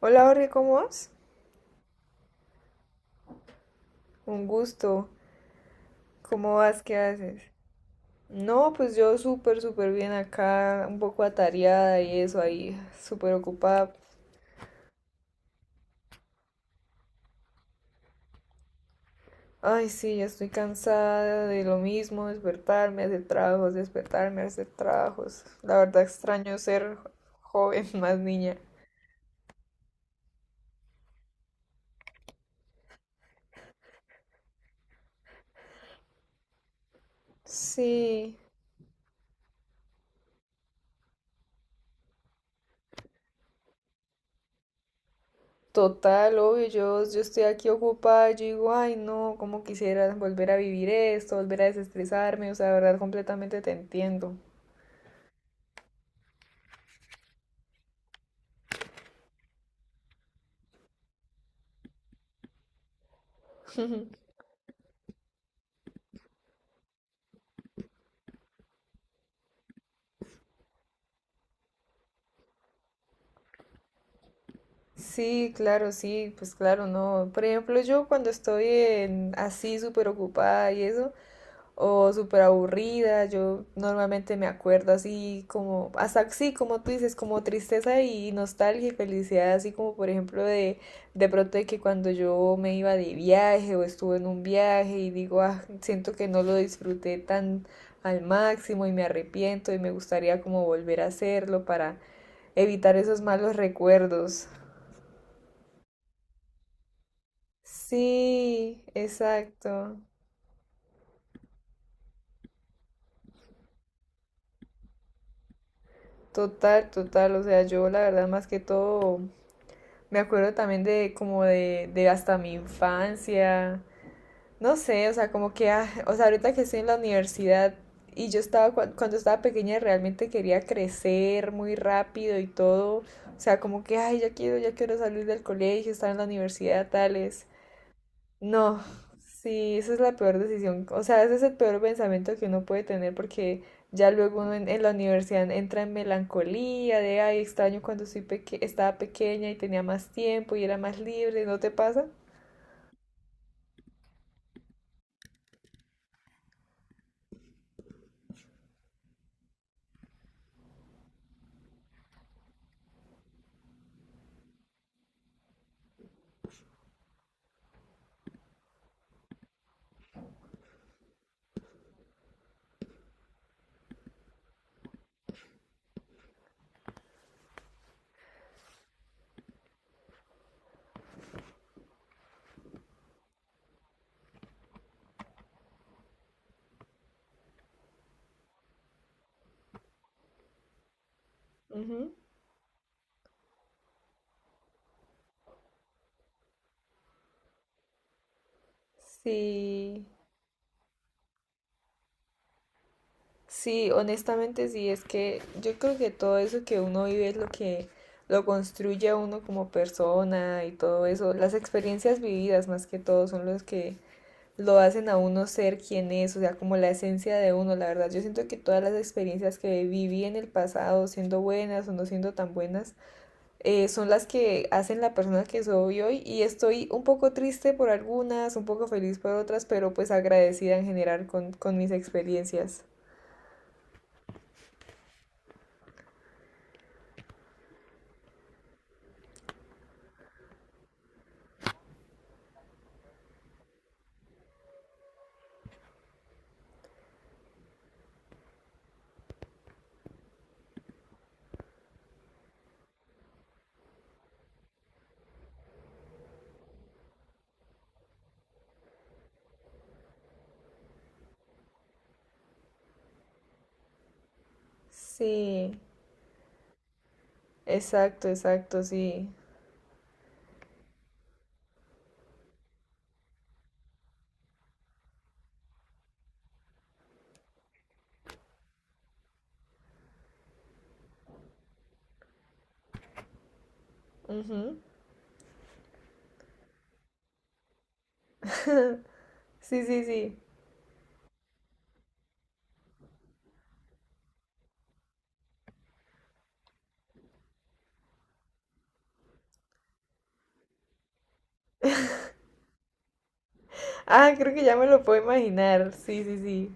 Hola, Jorge, ¿cómo vas? Un gusto. ¿Cómo vas? ¿Qué haces? No, pues yo súper, súper bien acá, un poco atareada y eso ahí, súper ocupada. Ay, sí, ya estoy cansada de lo mismo, despertarme, hacer trabajos, despertarme, hacer trabajos. La verdad extraño ser joven, más niña. Sí, total, obvio, yo estoy aquí ocupada, yo digo, ay, no, cómo quisiera volver a vivir esto, volver a desestresarme, o sea, de verdad completamente te entiendo. Sí, claro, sí, pues claro, no. Por ejemplo, yo cuando estoy en- así súper ocupada y eso, o súper aburrida, yo normalmente me acuerdo así como, hasta sí, como tú dices, como tristeza y nostalgia y felicidad, así como por ejemplo de pronto de que cuando yo me iba de viaje o estuve en un viaje y digo, ah, siento que no lo disfruté tan al máximo y me arrepiento y me gustaría como volver a hacerlo para evitar esos malos recuerdos. Sí, exacto. Total, total. O sea, yo la verdad más que todo me acuerdo también de como de hasta mi infancia. No sé, o sea, como que, ah, o sea, ahorita que estoy en la universidad y yo estaba, cua- cuando estaba pequeña realmente quería crecer muy rápido y todo. O sea, como que, ay, ya quiero salir del colegio, estar en la universidad, tales. No, sí, esa es la peor decisión. O sea, ese es el peor pensamiento que uno puede tener porque ya luego uno en la universidad entra en melancolía de, ay, extraño cuando soy peque- estaba pequeña y tenía más tiempo y era más libre, ¿no te pasa? Ujú. Sí, sí, honestamente sí, es que yo creo que todo eso que uno vive es lo que lo construye a uno como persona y todo eso. Las experiencias vividas más que todo son los que lo hacen a uno ser quien es, o sea, como la esencia de uno, la verdad. Yo siento que todas las experiencias que viví en el pasado, siendo buenas o no siendo tan buenas, son las que hacen la persona que soy hoy y estoy un poco triste por algunas, un poco feliz por otras, pero pues agradecida en general con mis experiencias. Sí, exacto, exacto, sí. Ujú. Sí, sí, sí. Ah, creo que ya me lo puedo imaginar. Sí, sí, sí.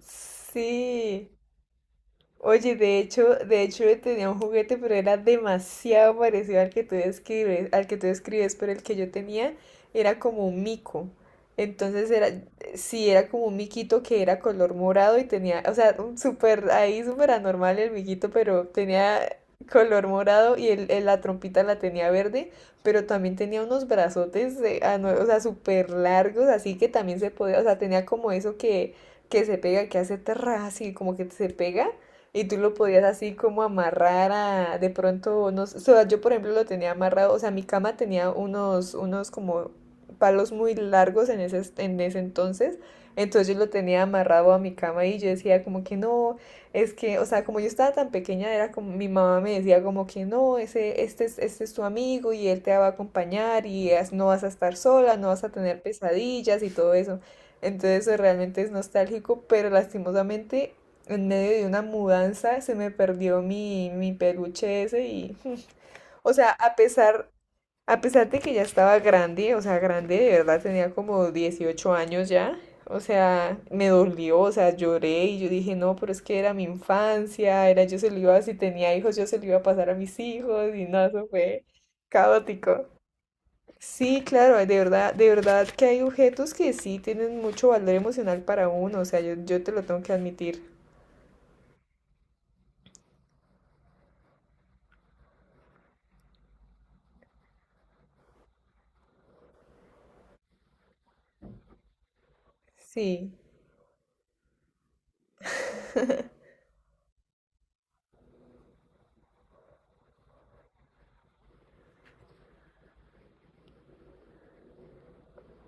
Sí. Oye, de hecho yo tenía un juguete, pero era demasiado parecido al que tú describes, al que tú describes, pero el que yo tenía era como un mico. Entonces era, sí, era como un miquito que era color morado y tenía, o sea, un súper, ahí súper anormal el miquito, pero tenía color morado y el- la trompita la tenía verde, pero también tenía unos brazotes, ano- o sea, súper largos, así que también se podía, o sea, tenía como eso que se pega, que hace terra, así como que se pega y tú lo podías así como amarrar a, de pronto, no sé, o sea, yo por ejemplo lo tenía amarrado, o sea, mi cama tenía unos, unos como palos muy largos en ese entonces, entonces yo lo tenía amarrado a mi cama y yo decía como que no, es que, o sea, como yo estaba tan pequeña, era como, mi mamá me decía como que no, ese, este es tu amigo y él te va a acompañar y as- no vas a estar sola, no vas a tener pesadillas y todo eso. Entonces eso realmente es nostálgico, pero lastimosamente en medio de una mudanza se me perdió mi, mi peluche ese y, o sea, a pesar de que ya estaba grande, o sea, grande, de verdad tenía como 18 años ya, o sea, me dolió, o sea, lloré y yo dije, no, pero es que era mi infancia, era yo se lo iba, si tenía hijos, yo se lo iba a pasar a mis hijos y no, eso fue caótico. Sí, claro, de verdad que hay objetos que sí tienen mucho valor emocional para uno, o sea, yo te lo tengo que admitir. Sí,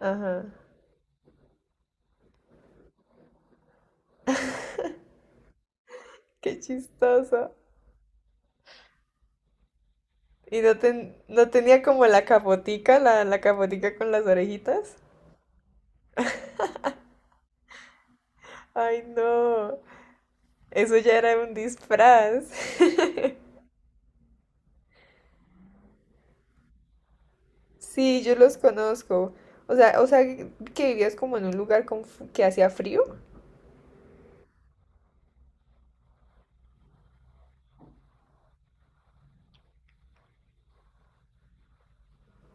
ajá. Qué chistoso. Y no, ten- no tenía como la capotica, la capotica con las orejitas. Ay, no. Eso ya era un disfraz. Sí, yo los conozco. O sea, que vivías como en un lugar con f- que hacía frío.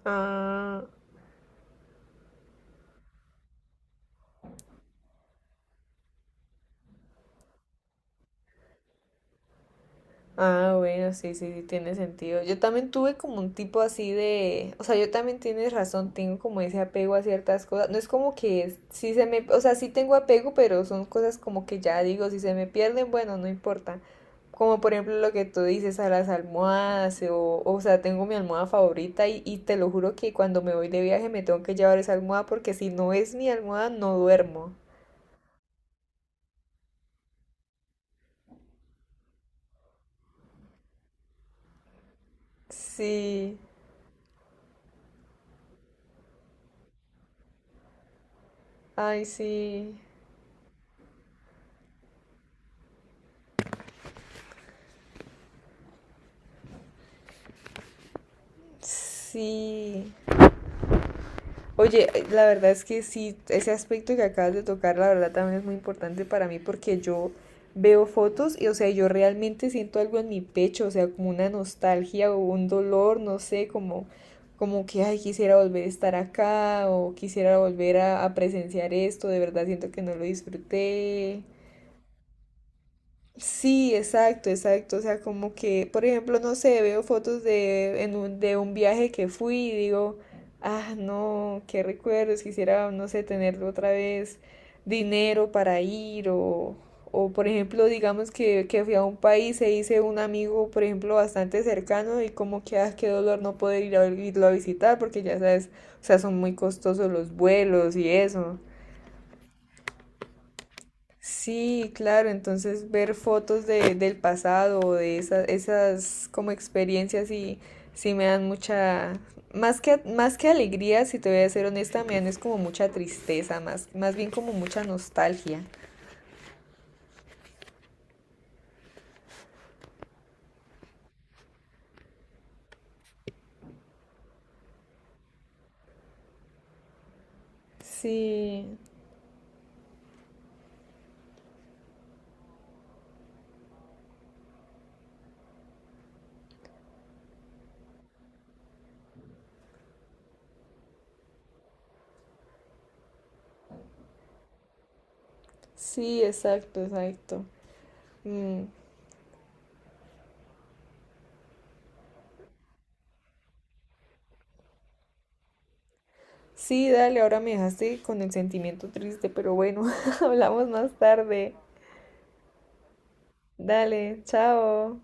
Ah. Ah, bueno, sí, sí, sí, tiene sentido. Yo también tuve como un tipo así de, o sea, yo también tienes razón, tengo como ese apego a ciertas cosas. No es como que es- sí se me, o sea, sí tengo apego, pero son cosas como que ya digo, si se me pierden, bueno, no importa. Como por ejemplo lo que tú dices a las almohadas, o sea, tengo mi almohada favorita y te lo juro que cuando me voy de viaje me tengo que llevar esa almohada porque si no es mi almohada no duermo. Sí, ay, sí, sí. Oye, la verdad es que sí, ese aspecto que acabas de tocar, la verdad también es muy importante para mí porque yo veo fotos y, o sea, yo realmente siento algo en mi pecho, o sea, como una nostalgia o un dolor, no sé, como, como que, ay, quisiera volver a estar acá o quisiera volver a presenciar esto, de verdad siento que no lo disfruté. Sí, exacto, exacto. O sea, como que, por ejemplo, no sé, veo fotos de, en un, de un viaje que fui y digo, ah, no, qué recuerdos, quisiera, no sé, tener otra vez dinero para ir o por ejemplo, digamos que fui a un país e hice un amigo, por ejemplo, bastante cercano y como que, ah, qué dolor no poder ir a, irlo a visitar porque ya sabes, o sea, son muy costosos los vuelos y eso. Sí, claro, entonces ver fotos de, del pasado o de esas, esas como experiencias y sí me dan mucha, más que alegría, si te voy a ser honesta, me dan es como mucha tristeza, más, más bien como mucha nostalgia. Sí, sí, exacto, exacto. Mm. Sí, dale, ahora me dejaste con el sentimiento triste, pero bueno, hablamos más tarde. Dale, chao.